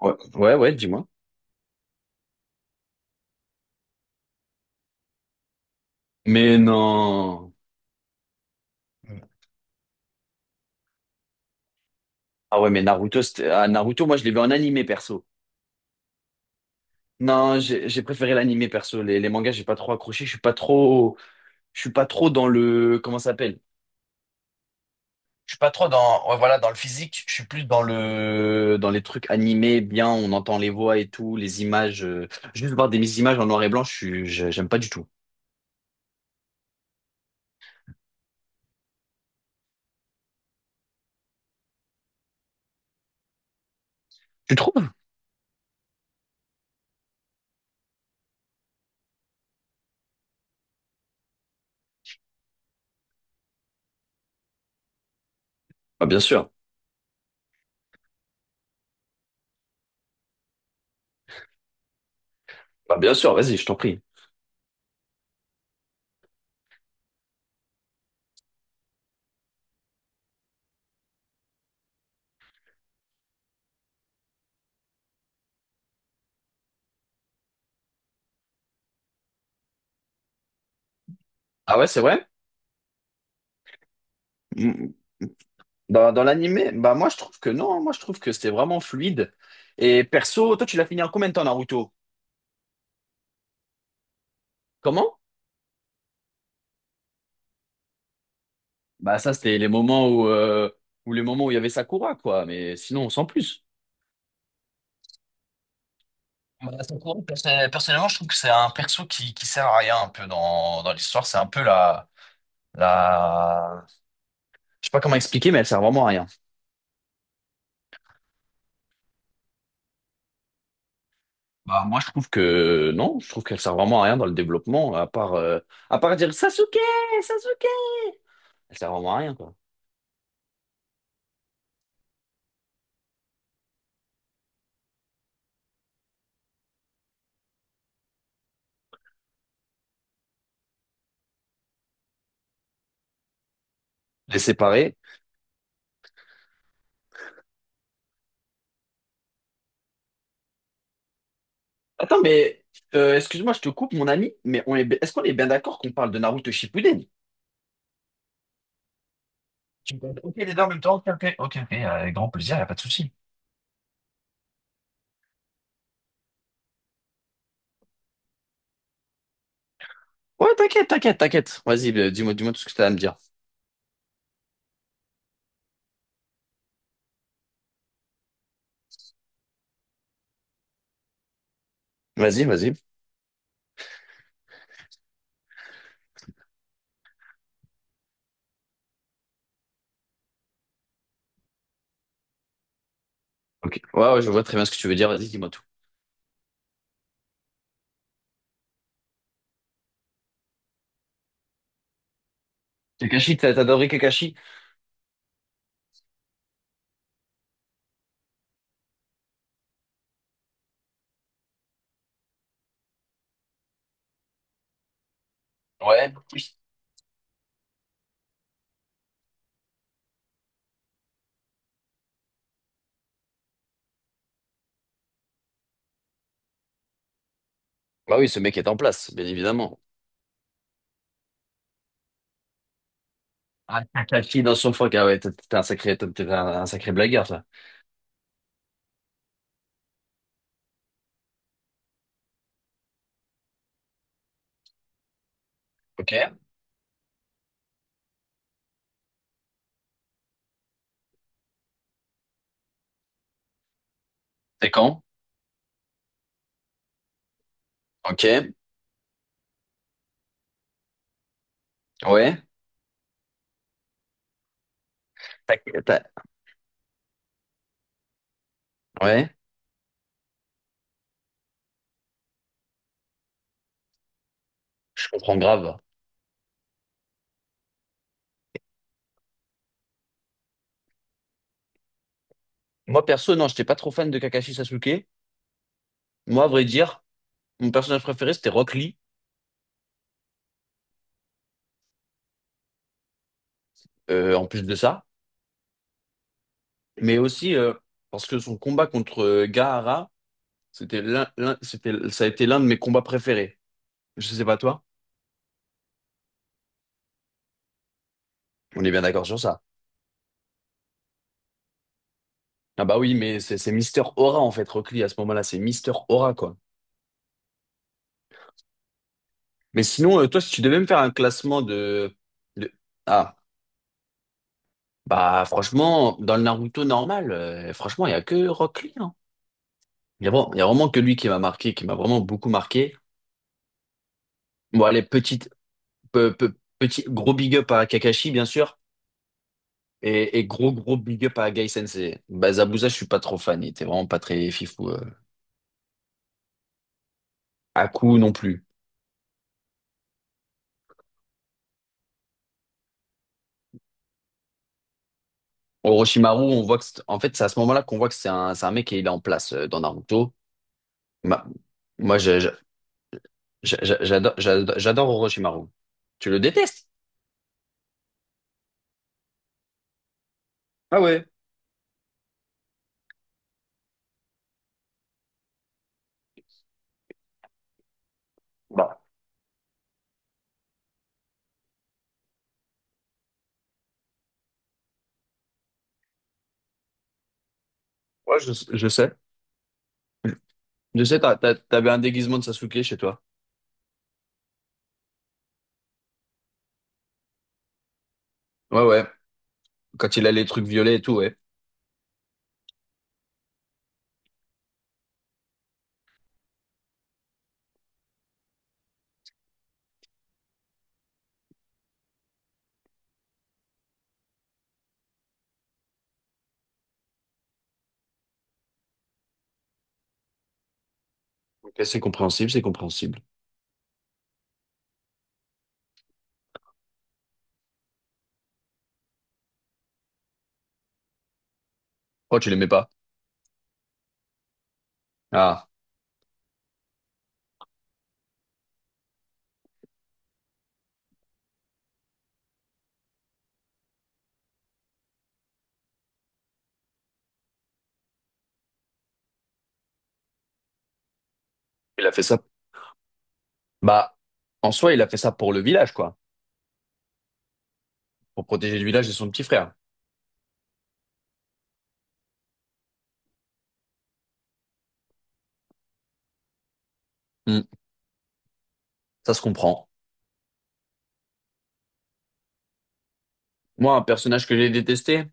Ouais, ouais, ouais, dis-moi. Mais non. Ah ouais, mais Naruto, moi, je l'ai vu en animé perso. Non, j'ai préféré l'animé perso. Les mangas, j'ai pas trop accroché. Je suis pas trop dans le, comment ça s'appelle? Je suis pas trop dans, ouais, voilà, dans le physique. Je suis plus dans le, dans les trucs animés, bien, on entend les voix et tout, les images. Juste voir des images en noir et blanc, j'aime pas du tout. Tu trouves? Bah, bien sûr. Bah, bien sûr, vas-y, je t'en prie. Ah ouais, c'est vrai? Mm. Dans l'animé, bah moi je trouve que non, hein. Moi je trouve que c'était vraiment fluide. Et perso, toi tu l'as fini en combien de temps Naruto? Comment? Bah ça c'était les moments où il y avait Sakura quoi, mais sinon sans plus. Bah, Personnellement, je trouve que c'est un perso qui sert à rien un peu dans l'histoire. C'est un peu la, la... Je sais pas comment expliquer, mais elle sert vraiment à rien. Bah moi je trouve que non, je trouve qu'elle sert vraiment à rien dans le développement, à part dire Sasuke, Sasuke. Elle sert vraiment à rien quoi. Les séparer. Attends, mais excuse-moi, je te coupe, mon ami, mais est-ce qu'on est bien d'accord qu'on parle de Naruto Shippuden? Ok, les deux en même temps, ok, ok, ok, ok, avec grand plaisir, y a pas de souci. Ouais, t'inquiète, t'inquiète, t'inquiète. Vas-y, dis-moi, dis-moi tout ce que t'as à me dire. Vas-y, vas-y. Ok. Ouais, ouais, je vois très bien ce que tu veux dire. Vas-y, dis-moi tout. Kakashi, t'as adoré Kakashi? Ouais. Oui. Bah oui, ce mec est en place, bien évidemment. Ah, Kakashi dans son froc, ah ouais, t'es un sacré, t'es un sacré blagueur, ça. Ok. C'est quand? Ok. Ouais. T'as- t'as- Ouais. Je comprends grave. Moi, perso, non, j'étais pas trop fan de Kakashi Sasuke. Moi, à vrai dire, mon personnage préféré, c'était Rock Lee, en plus de ça. Mais aussi, parce que son combat contre Gaara, c'était l'un, l'un- c'était, ça a été l'un de mes combats préférés. Je sais pas toi. On est bien d'accord sur ça. Ah bah oui, mais c'est Mister Aura, en fait, Rock Lee, à ce moment-là. C'est Mister Aura, quoi. Mais sinon, toi, si tu devais me faire un classement de... Ah, bah franchement, dans le Naruto normal, franchement, il y a que Rock Lee, hein. Il y a vraiment que lui qui m'a marqué, qui m'a vraiment beaucoup marqué. Bon, allez, petit, gros big up à Kakashi, bien sûr. Et gros big up à Gai Sensei. Bah, Zabuza, je suis pas trop fan. Il était vraiment pas très fifou. Haku non plus. Orochimaru, on voit que, c'est- en fait, c'est à ce moment-là qu'on voit que c'est un mec qui il est en place dans Naruto. Ma- moi, je- J'adore, j'adore, j'adore Orochimaru. Tu le détestes? Ah ouais. Bah, ouais, je sais. Je sais, t'avais un déguisement de Sasuke chez toi. Ouais, ouais. Quand il a les trucs violets et tout, ouais. Ok, c'est compréhensible, c'est compréhensible. Oh, tu l'aimais pas? Ah, il a fait ça. Bah, en soi, il a fait ça pour le village, quoi. Pour protéger le village et son petit frère. Hmm. Ça se comprend. Moi, un personnage que j'ai détesté.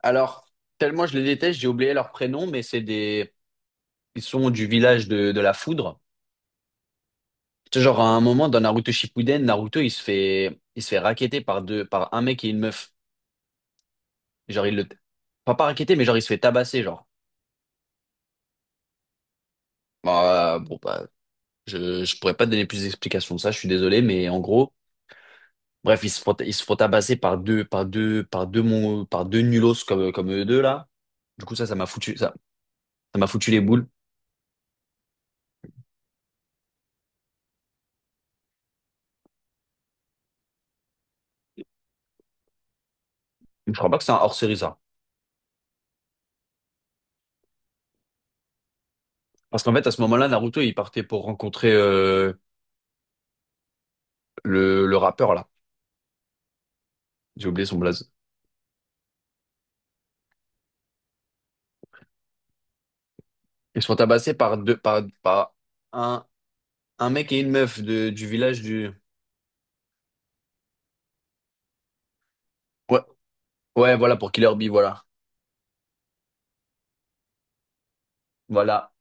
Alors, tellement je les déteste, j'ai oublié leur prénom, mais c'est des. Ils sont du village de la foudre. C'est genre à un moment dans Naruto Shippuden, Naruto il se fait racketter par un mec et une meuf. Genre il le Pas racketter, mais genre il se fait tabasser genre. Bah, bon bah je pourrais pas te donner plus d'explications de ça, je suis désolé, mais en gros bref, ils se font tabasser par deux, par deux nulos comme eux deux, là. Du coup, ça m'a foutu les boules. Je crois pas que c'est un hors-série, ça. Parce qu'en fait, à ce moment-là, Naruto, il partait pour rencontrer, le rappeur, là. J'ai oublié son blaze. Ils se font tabasser par un, un mec et une meuf du village du, ouais, ouais, voilà, pour Killer Bee, voilà. Voilà,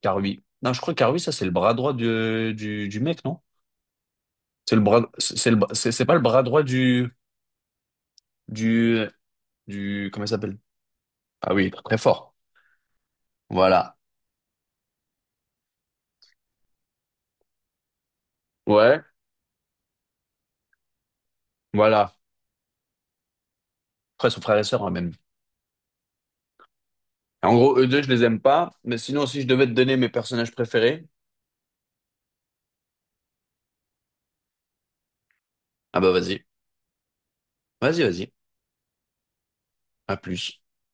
Karui. Non, je crois que Karui, ça, c'est le bras droit du mec, non? C'est le bras, c'est le, bra- c'est pas le bras droit du comment il s'appelle? Ah oui, très fort. Voilà. Ouais, voilà. Après, son frère et sœur, hein, même. En gros, eux deux, je les aime pas. Mais sinon, si je devais te donner mes personnages préférés, ah bah vas-y. Vas-y, vas-y. À plus.